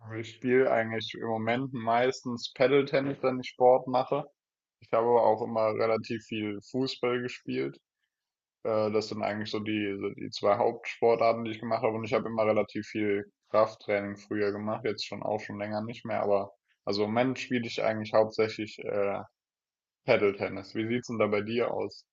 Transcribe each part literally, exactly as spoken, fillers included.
Also, Ich spiele eigentlich im Moment meistens Paddle-Tennis, wenn ich Sport mache. Ich habe aber auch immer relativ viel Fußball gespielt. Äh, das sind eigentlich so die, so die zwei Hauptsportarten, die ich gemacht habe. Und ich habe immer relativ viel Krafttraining früher gemacht, jetzt schon auch schon länger nicht mehr. Aber also im Moment spiele ich eigentlich hauptsächlich äh, Paddle-Tennis. Wie sieht's denn da bei dir aus?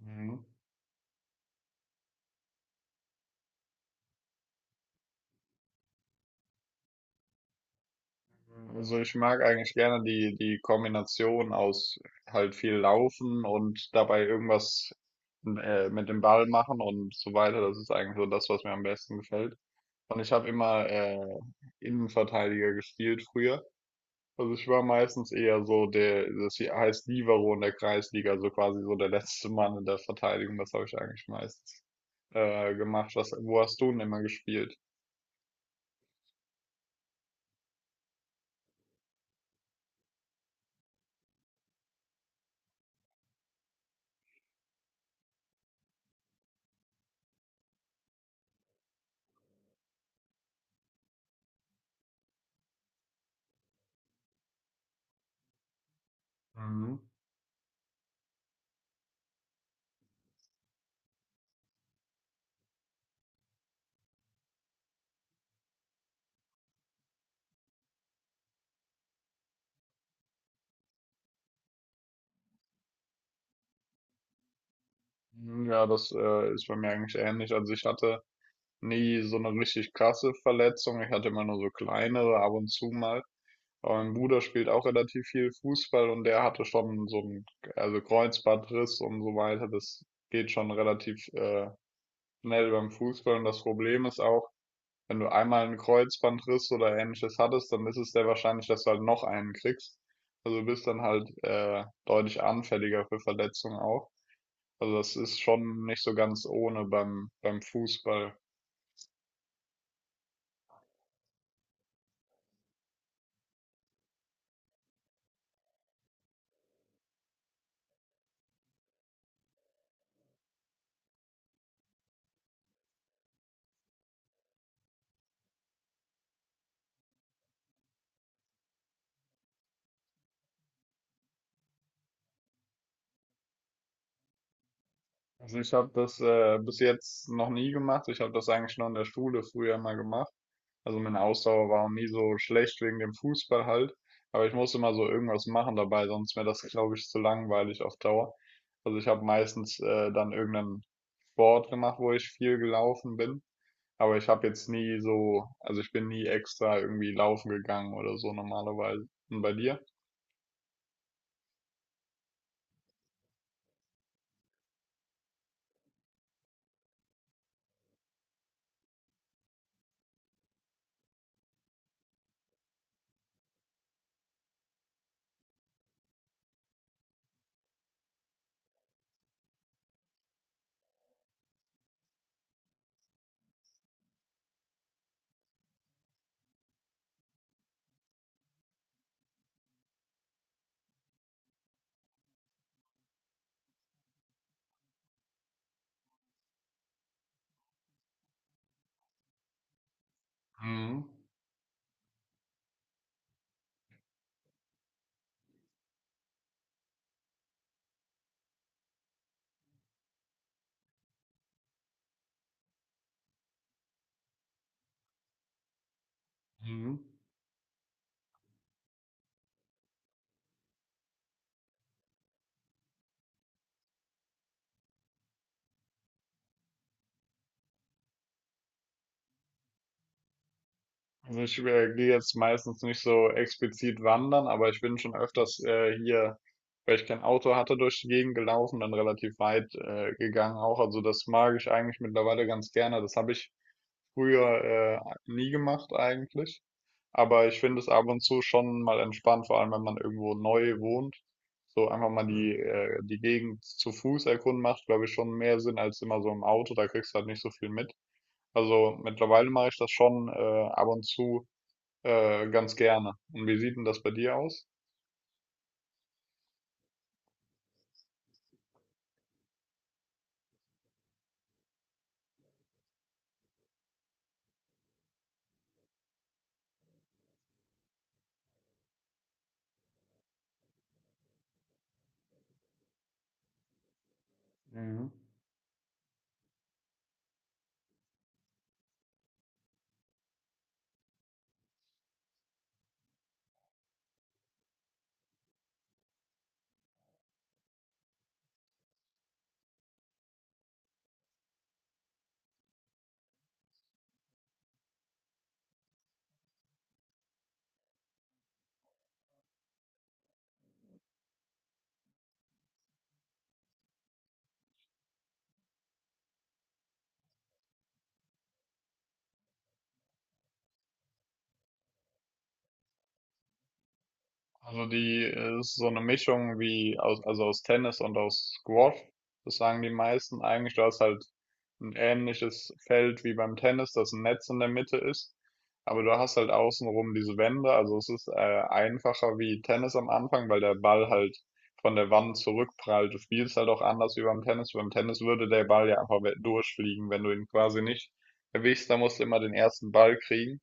Mhm. Also ich mag eigentlich gerne die, die Kombination aus halt viel laufen und dabei irgendwas äh, mit dem Ball machen und so weiter. Das ist eigentlich so das, was mir am besten gefällt. Und ich habe immer äh, Innenverteidiger gespielt früher. Also ich war meistens eher so der, das hier heißt Libero in der Kreisliga, also quasi so der letzte Mann in der Verteidigung. Das habe ich eigentlich meistens äh, gemacht. Was, wo hast du denn immer gespielt? Mhm. Ja, das äh, ist bei mir eigentlich ähnlich. Also ich hatte Nie so eine richtig krasse Verletzung. Ich hatte immer nur so kleinere ab und zu mal. Aber mein Bruder spielt auch relativ viel Fußball und der hatte schon so 'n also Kreuzbandriss und so weiter. Das geht schon relativ, äh, schnell beim Fußball. Und das Problem ist auch, wenn du einmal 'n Kreuzbandriss oder Ähnliches hattest, dann ist es sehr wahrscheinlich, dass du halt noch einen kriegst. Also du bist dann halt, äh, deutlich anfälliger für Verletzungen auch. Also das ist schon nicht so ganz ohne beim beim Fußball. Also ich habe das äh, bis jetzt noch nie gemacht. Ich habe das eigentlich nur in der Schule früher mal gemacht. Also meine Ausdauer war auch nie so schlecht wegen dem Fußball halt. Aber ich musste immer so irgendwas machen dabei, sonst wäre das, glaube ich, zu langweilig auf Dauer. Also ich habe meistens äh, dann irgendeinen Sport gemacht, wo ich viel gelaufen bin. Aber ich habe jetzt nie so, also ich bin nie extra irgendwie laufen gegangen oder so normalerweise. Und bei dir? Mhm. Mhm. Also ich äh, gehe jetzt meistens nicht so explizit wandern, aber ich bin schon öfters äh, hier, weil ich kein Auto hatte, durch die Gegend gelaufen, dann relativ weit äh, gegangen auch. Also das mag ich eigentlich mittlerweile ganz gerne. Das habe ich früher äh, nie gemacht eigentlich. Aber ich finde es ab und zu schon mal entspannt, vor allem wenn man irgendwo neu wohnt. So einfach mal Mhm. die, äh, die Gegend zu Fuß erkunden macht, glaube ich, schon mehr Sinn als immer so im Auto. Da kriegst du halt nicht so viel mit. Also mittlerweile mache ich das schon äh, ab und zu äh, ganz gerne. Und wie sieht denn das bei dir aus? Also die äh, ist so eine Mischung wie aus, also aus Tennis und aus Squash. Das sagen die meisten eigentlich. Du hast halt ein ähnliches Feld wie beim Tennis, das ein Netz in der Mitte ist. Aber du hast halt außenrum diese Wände. Also es ist äh, einfacher wie Tennis am Anfang, weil der Ball halt von der Wand zurückprallt. Du spielst halt auch anders wie beim Tennis. Beim Tennis würde der Ball ja einfach we- durchfliegen, wenn du ihn quasi nicht erwischst. Da musst du immer den ersten Ball kriegen.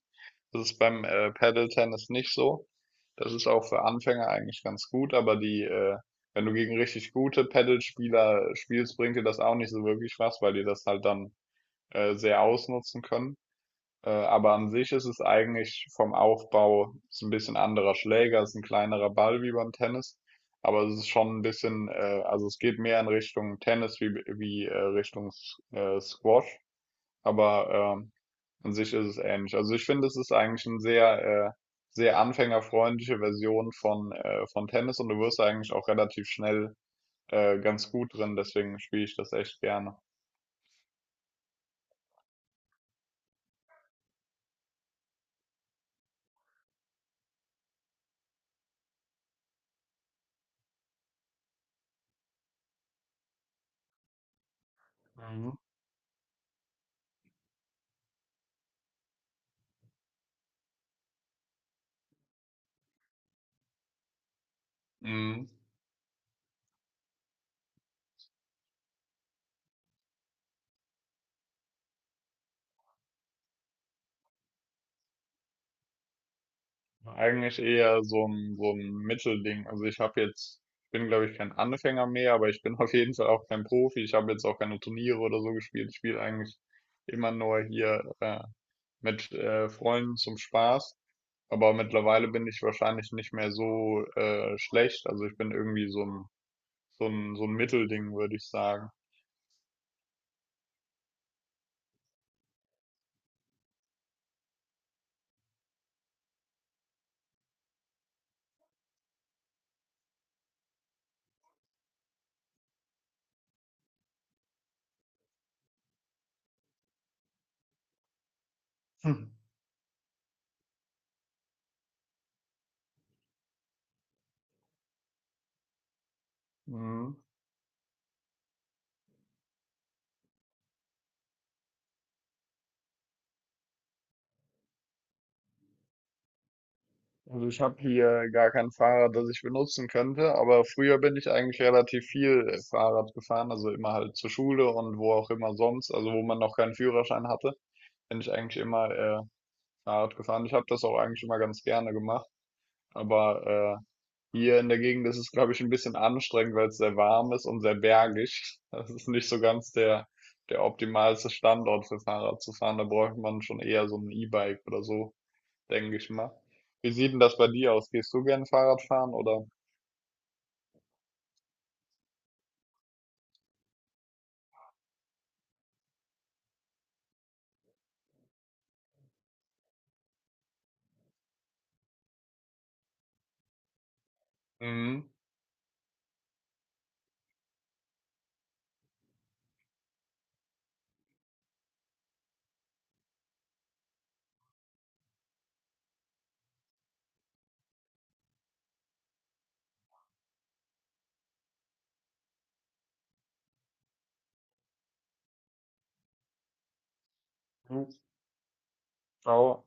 Das ist beim äh, Paddle-Tennis nicht so. Das ist auch für Anfänger eigentlich ganz gut, aber die, äh, wenn du gegen richtig gute Paddle-Spieler spielst, bringt dir das auch nicht so wirklich was, weil die das halt dann äh, sehr ausnutzen können. Äh, aber an sich ist es eigentlich vom Aufbau ist ein bisschen anderer Schläger, ist ein kleinerer Ball wie beim Tennis, aber es ist schon ein bisschen, äh, also es geht mehr in Richtung Tennis wie, wie äh, Richtung S- äh, Squash. Aber ähm, an sich ist es ähnlich. Also ich finde, es ist eigentlich eine sehr, äh, sehr anfängerfreundliche Version von, äh, von Tennis und du wirst da eigentlich auch relativ schnell äh, ganz gut drin, deswegen spiele ich das echt gerne. Mhm. Mhm. Eigentlich eher so ein, so ein Mittelding. Also ich habe jetzt, ich bin glaube ich kein Anfänger mehr, aber ich bin auf jeden Fall auch kein Profi. Ich habe jetzt auch keine Turniere oder so gespielt. Ich spiele eigentlich immer nur hier äh, mit äh, Freunden zum Spaß. Aber mittlerweile bin ich wahrscheinlich nicht mehr so äh, schlecht. Also ich bin irgendwie so ein, so ein, so ein Mittelding, würde ich sagen. Hm. Mhm. Also ich habe hier gar kein Fahrrad, das ich benutzen könnte, aber früher bin ich eigentlich relativ viel äh, Fahrrad gefahren, also immer halt zur Schule und wo auch immer sonst, also wo man noch keinen Führerschein hatte, bin ich eigentlich immer äh, Fahrrad gefahren. Ich habe das auch eigentlich immer ganz gerne gemacht. Aber äh, hier in der Gegend ist es, glaube ich, ein bisschen anstrengend, weil es sehr warm ist und sehr bergig. Das ist nicht so ganz der, der optimalste Standort für Fahrrad zu fahren. Da bräuchte man schon eher so ein E-Bike oder so, denke ich mal. Wie sieht denn das bei dir aus? Gehst du gern Fahrrad fahren oder? Mhm. Mhm. Au.